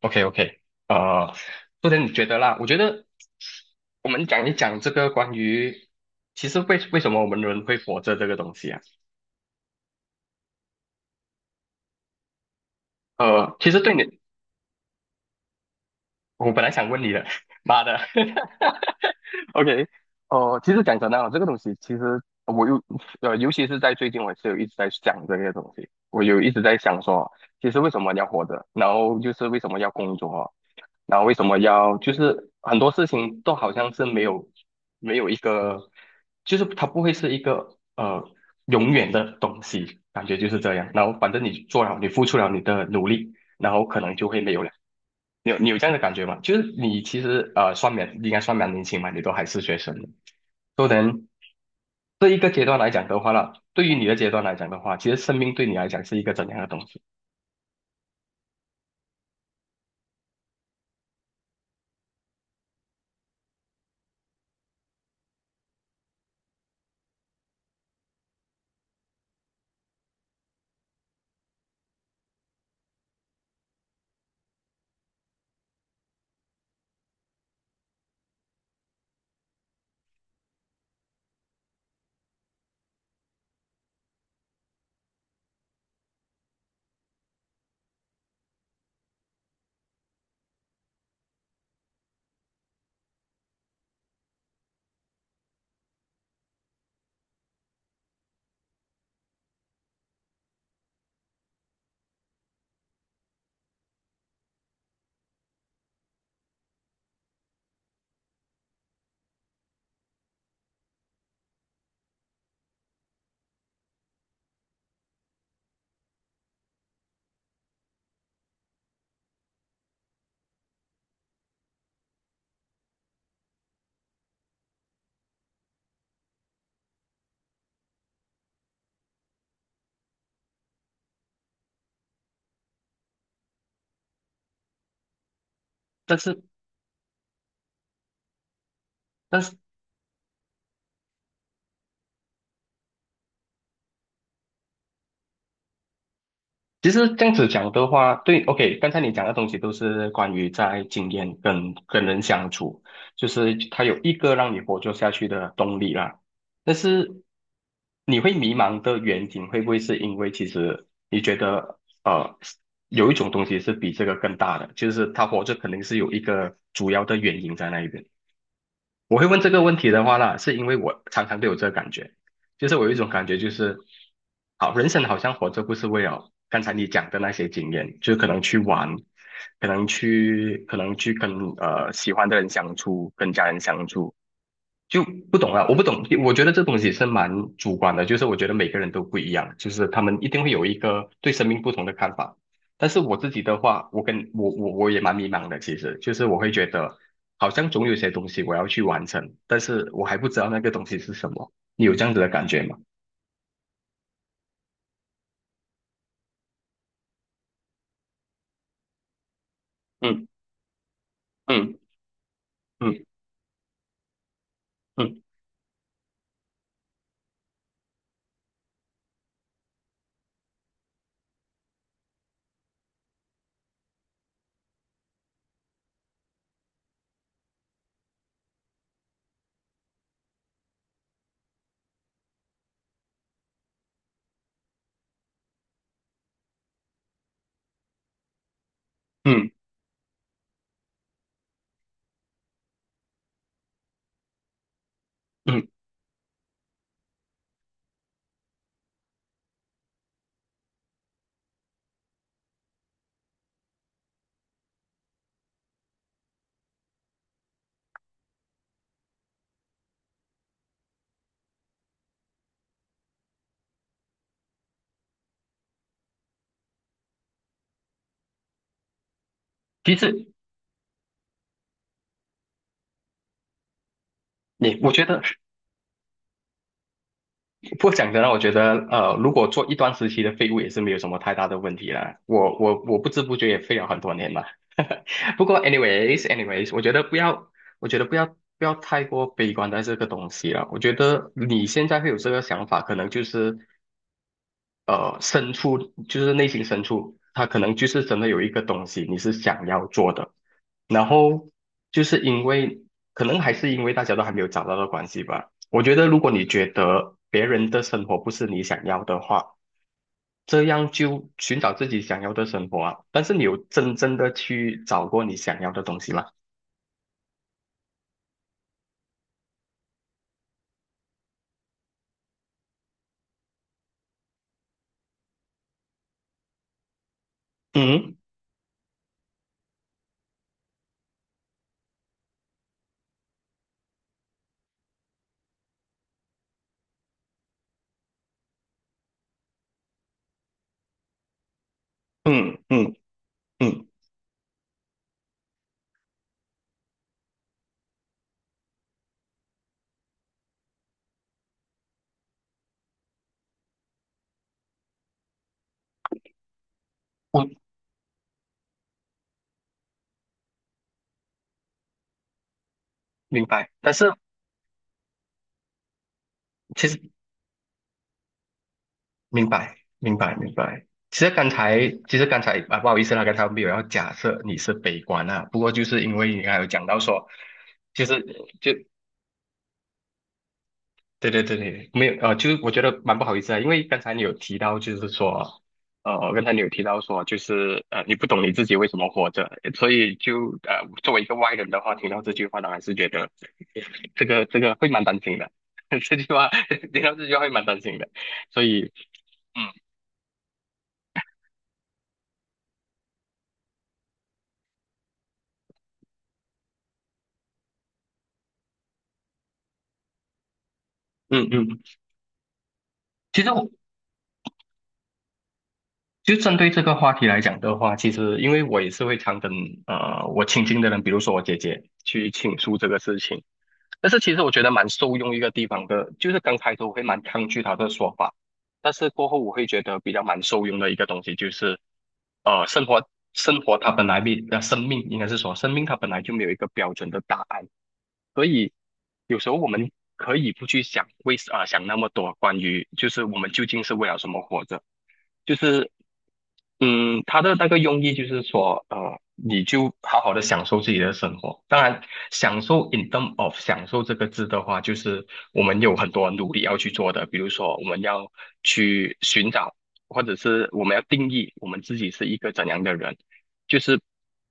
OK OK，呃，不然你觉得啦？我觉得我们讲一讲这个关于，其实为什么我们人会活着这个东西啊？其实对你，我本来想问你的，妈的 ，OK，其实讲真的啊，这个东西其实我又尤其是在最近，我是有一直在想这些东西，我有一直在想说，其实为什么要活着，然后就是为什么要工作啊，然后为什么要就是很多事情都好像是没有一个，就是它不会是一个永远的东西，感觉就是这样。然后反正你做了，你付出了你的努力，然后可能就会没有了。你有这样的感觉吗？就是你其实呃算蛮应该算蛮年轻嘛，你都还是学生的都能这一个阶段来讲的话呢，对于你的阶段来讲的话，其实生命对你来讲是一个怎样的东西？但是但是。其实这样子讲的话，对，OK，刚才你讲的东西都是关于在经验跟人相处，就是他有一个让你活着下去的动力啦。但是你会迷茫的原因，会不会是因为其实你觉得呃有一种东西是比这个更大的，就是他活着肯定是有一个主要的原因在那一边。我会问这个问题的话呢，是因为我常常都有这个感觉，就是我有一种感觉，就是好，人生好像活着不是为了刚才你讲的那些经验，就是可能去玩，可能去跟喜欢的人相处，跟家人相处，就不懂了，我不懂，我觉得这东西是蛮主观的，就是我觉得每个人都不一样，就是他们一定会有一个对生命不同的看法。但是我自己的话，我跟我我我也蛮迷茫的，其实就是我会觉得，好像总有些东西我要去完成，但是我还不知道那个东西是什么。你有这样子的感觉吗？嗯嗯嗯嗯嗯嗯。其实你，我觉得 不过讲真的，我觉得呃，如果做一段时期的废物也是没有什么太大的问题啦。我不知不觉也废了很多年了。不过 anyways anyways，我觉得不要太过悲观在这个东西了。我觉得你现在会有这个想法，可能就是呃深处，就是内心深处，他可能就是真的有一个东西你是想要做的，然后就是因为可能还是因为大家都还没有找到的关系吧。我觉得如果你觉得别人的生活不是你想要的话，这样就寻找自己想要的生活啊。但是你有真正的去找过你想要的东西吗？嗯嗯嗯嗯，我明白。但是其实明白，明白，明白。其实刚才啊，不好意思啦，刚才我没有要假设你是悲观啊。不过就是因为你刚才有讲到说，就是就对对对对，没有就是我觉得蛮不好意思啊，因为刚才你有提到，就是说，呃，刚才你有提到说，就是呃，你不懂你自己为什么活着，所以就作为一个外人的话，听到这句话，当然是觉得 这个会蛮担心的，这句话 听到这句话会蛮担心的，所以嗯嗯嗯，其实我。就针对这个话题来讲的话，其实因为我也是会常跟我亲近的人，比如说我姐姐去倾诉这个事情，但是其实我觉得蛮受用一个地方的，就是刚开头我会蛮抗拒她的说法，但是过后我会觉得比较蛮受用的一个东西就是，呃，生活它本来比呃生命应该是说生命它本来就没有一个标准的答案，所以有时候我们可以不去想想那么多关于就是我们究竟是为了什么活着。就是，嗯，他的那个用意就是说，呃，你就好好的享受自己的生活。当然，享受 in term of 享受这个字的话，就是我们有很多努力要去做的，比如说我们要去寻找，或者是我们要定义我们自己是一个怎样的人，就是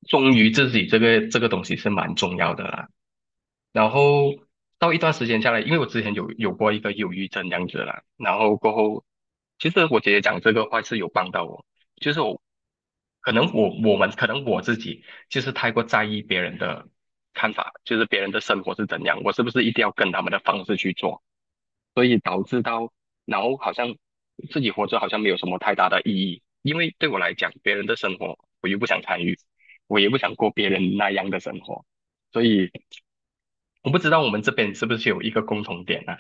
忠于自己这个东西是蛮重要的啦。然后到一段时间下来，因为我之前有过一个忧郁症这样子啦，然后过后，其实我姐姐讲这个话是有帮到我，就是我可能我我们可能我自己就是太过在意别人的看法，就是别人的生活是怎样，我是不是一定要跟他们的方式去做，所以导致到好像自己活着好像没有什么太大的意义，因为对我来讲，别人的生活我又不想参与，我也不想过别人那样的生活。所以我不知道我们这边是不是有一个共同点啊？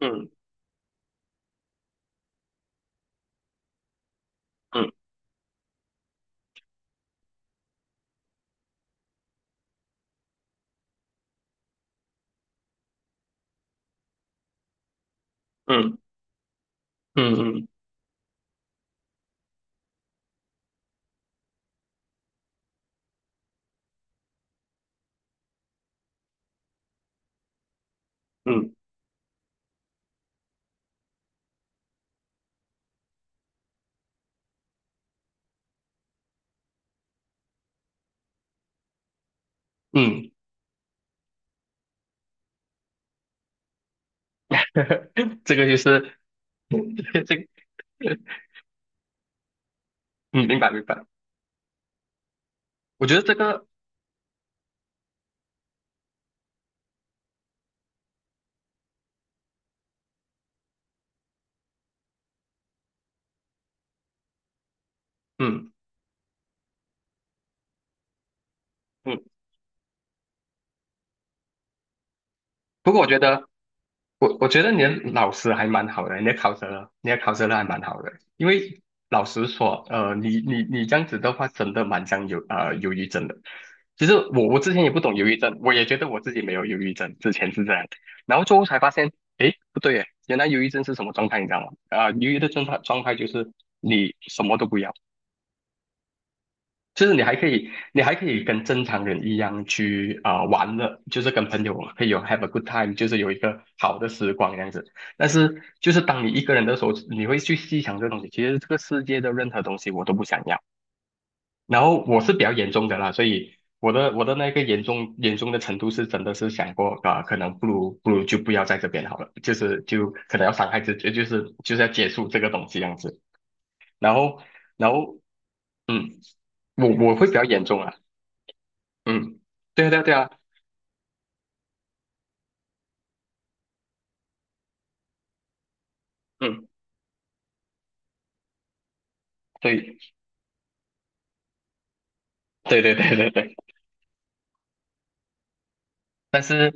嗯嗯嗯嗯嗯嗯嗯，这个就是 这个，嗯，明白明白。我觉得这个，嗯嗯，不过我觉得我觉得你的老师还蛮好的，你的考试了还蛮好的。因为老实说，呃，你这样子的话，真的蛮像有呃忧郁症的。其实我之前也不懂忧郁症，我也觉得我自己没有忧郁症，之前是这样，然后最后才发现，诶，不对耶，原来忧郁症是什么状态，你知道吗？啊、忧郁的状态就是你什么都不要，就是你还可以，你还可以跟正常人一样去啊、玩的，就是跟朋友可以有 have a good time，就是有一个好的时光这样子。但是就是当你一个人的时候，你会去细想这个东西，其实这个世界的任何东西我都不想要。然后我是比较严重的啦，所以我的那个严重的程度是真的是想过啊、可能不如就不要在这边好了，就是就可能要伤害自己，就是要结束这个东西这样子。然后然后嗯，我会比较严重啊。嗯，对啊，对啊，对啊，嗯，对，对对对对对，但是，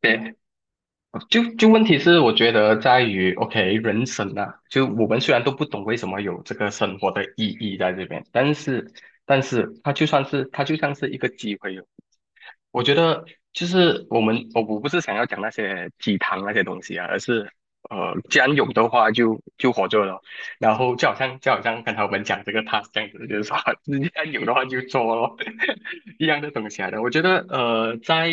对，就问题是，我觉得在于，OK，人生啊，就我们虽然都不懂为什么有这个生活的意义在这边，但是，但是它就算是它就像是一个机会哦，我觉得就是我们，我我不是想要讲那些鸡汤那些东西啊，而是呃，既然有的话就活着了，然后就好像刚才我们讲这个 task 这样子，就是说 既然有的话就做咯，一样的东西来的。我觉得呃，在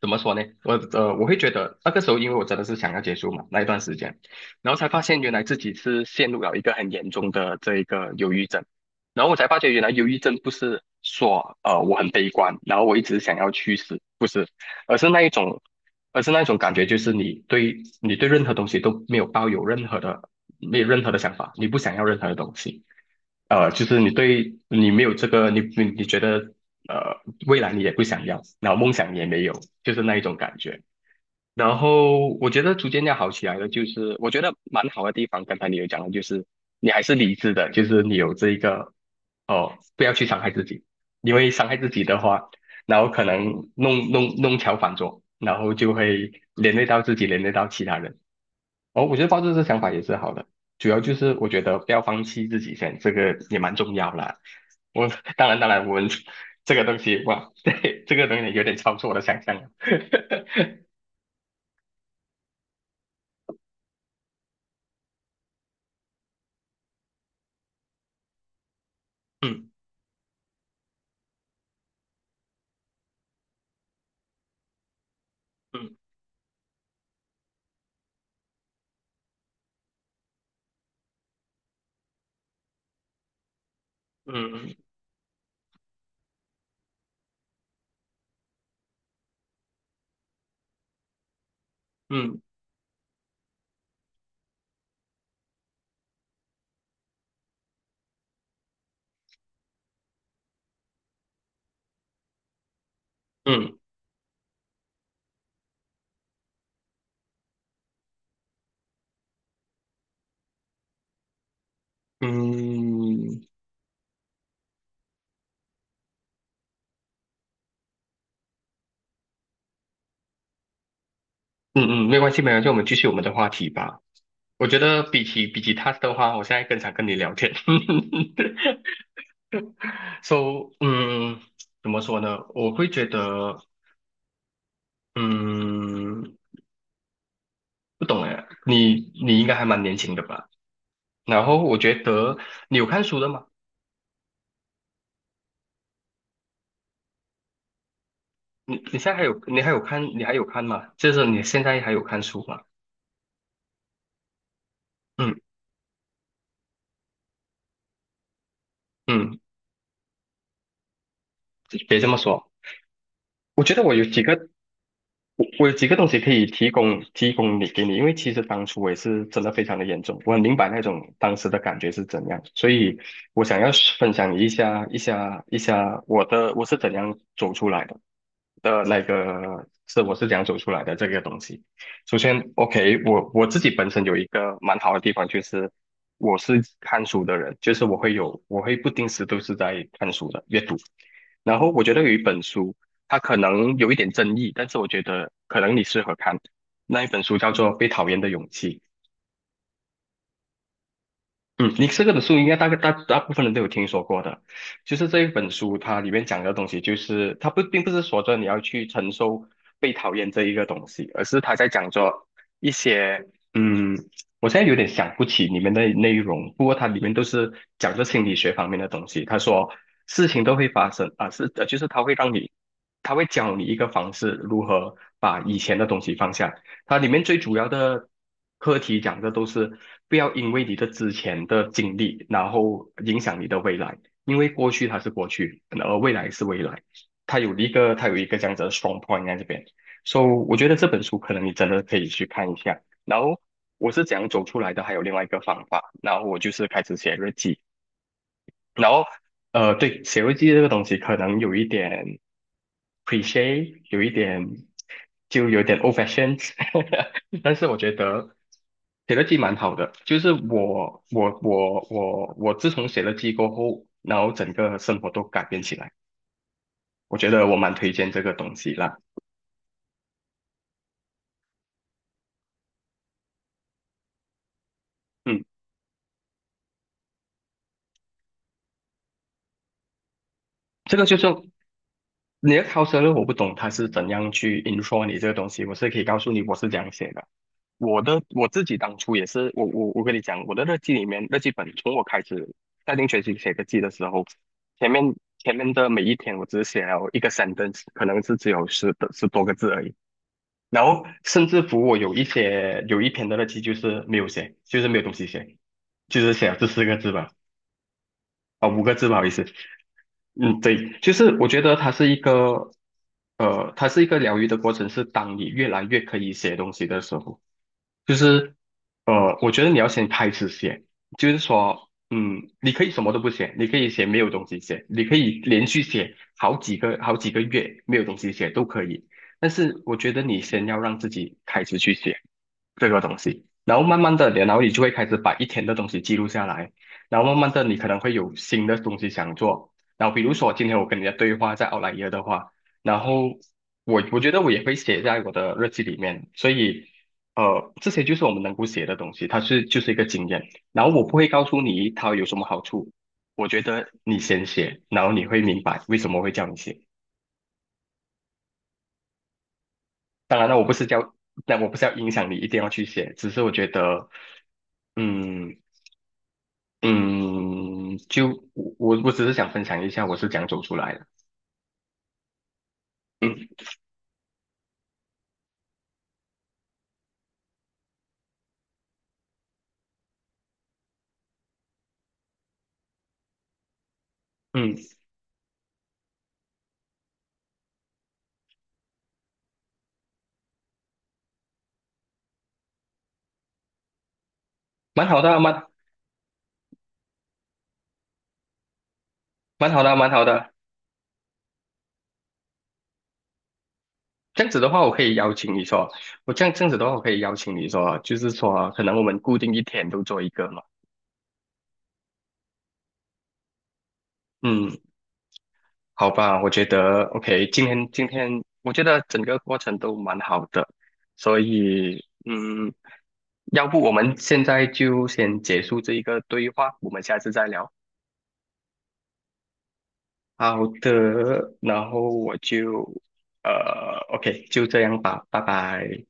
怎么说呢？我我会觉得那个时候，因为我真的是想要结束嘛，那一段时间，然后才发现原来自己是陷入了一个很严重的这一个忧郁症，然后我才发觉原来忧郁症不是说我很悲观，然后我一直想要去死，不是，而是那一种，而是那一种感觉，就是你对任何东西都没有抱有任何的没有任何的想法，你不想要任何的东西。就是你对你没有这个，你觉得呃，未来你也不想要，然后梦想也没有，就是那一种感觉。然后我觉得逐渐要好起来的，就是我觉得蛮好的地方，刚才你有讲到，就是你还是理智的，就是你有这一个哦，不要去伤害自己，因为伤害自己的话，然后可能弄巧反拙，然后就会连累到自己，连累到其他人。哦，我觉得抱着这想法也是好的，主要就是我觉得不要放弃自己先，这个也蛮重要啦。我当然，我们这个东西哇，对，这个东西有点超出我的想象了。嗯嗯嗯嗯嗯嗯嗯嗯，没关系没关系，我们继续我们的话题吧。我觉得比起他的话，我现在更想跟你聊天。So，嗯，怎么说呢？我会觉得，嗯。不懂哎，你应该还蛮年轻的吧？然后我觉得你有看书的吗？你你现在还有你还有看你还有看吗？就是你现在还有看书吗？嗯嗯，别这么说，我觉得我有几个我有几个东西可以提供你给你，因为其实当初我也是真的非常的严重，我很明白那种当时的感觉是怎样，所以我想要分享一下我的我是怎样走出来的。的那个是我是怎样走出来的这个东西。首先，OK，我自己本身有一个蛮好的地方，就是我是看书的人，就是我会有我会不定时都是在看书的阅读。然后我觉得有一本书，它可能有一点争议，但是我觉得可能你适合看。那一本书叫做《被讨厌的勇气》，嗯，你这个的书应该大概大部分人都有听说过的，就是这一本书它里面讲的东西，就是它不并不是说着你要去承受被讨厌这一个东西，而是他在讲着一些，嗯，我现在有点想不起里面的内容，不过它里面都是讲着心理学方面的东西。他说事情都会发生啊，是就是他会让你，他会教你一个方式如何把以前的东西放下。它里面最主要的课题讲的都是不要因为你的之前的经历，然后影响你的未来，因为过去它是过去，而未来是未来。它有一个，它有一个这样子的 strong point 在这边。So，我觉得这本书可能你真的可以去看一下。然后我是怎样走出来的，还有另外一个方法。然后我就是开始写日记，然后，对，写日记这个东西可能有一点 c l i c h e 有一点就有点 old fashioned，但是我觉得写日记蛮好的。就是我自从写了记过后，然后整个生活都改变起来。我觉得我蛮推荐这个东西啦。嗯，这个就是你的 c u l 我不懂他是怎样去 intro 你这个东西，我是可以告诉你我是怎样写的。我的我自己当初也是，我跟你讲，我的日记里面日记本，从我开始下定决心写日记的时候，前面前面的每一天，我只写了一个 sentence，可能是只有十的十多个字而已。然后甚至乎我有一些有一篇的日记就是没有写，就是没有东西写，就是写了这四个字吧，啊、五个字不好意思，嗯，对，就是我觉得它是一个，它是一个疗愈的过程，是当你越来越可以写东西的时候。就是我觉得你要先开始写，就是说，嗯，你可以什么都不写，你可以写没有东西写，你可以连续写好几个月没有东西写都可以，但是我觉得你先要让自己开始去写。这个东西，然后慢慢的，然后你就会开始把一天的东西记录下来，然后慢慢的，你可能会有新的东西想做，然后比如说今天我跟你的对话在奥莱耶的话，然后我觉得我也会写在我的日记里面，所以这些就是我们能够写的东西，它是就是一个经验，然后我不会告诉你它有什么好处，我觉得你先写，然后你会明白为什么会叫你写。当然了，我不是叫，那我不是要影响你一定要去写，只是我觉得，嗯。嗯，就我只是想分享一下我是怎样走出来的。嗯嗯，蛮好的，蛮好的，蛮好的。这样子的话，我可以邀请你说，我这样子的话，我可以邀请你说，就是说，可能我们固定一天都做一个嘛。嗯，好吧，我觉得 OK，今天我觉得整个过程都蛮好的，所以嗯，要不我们现在就先结束这一个对话，我们下次再聊。好的，然后我就呃，OK，就这样吧，拜拜。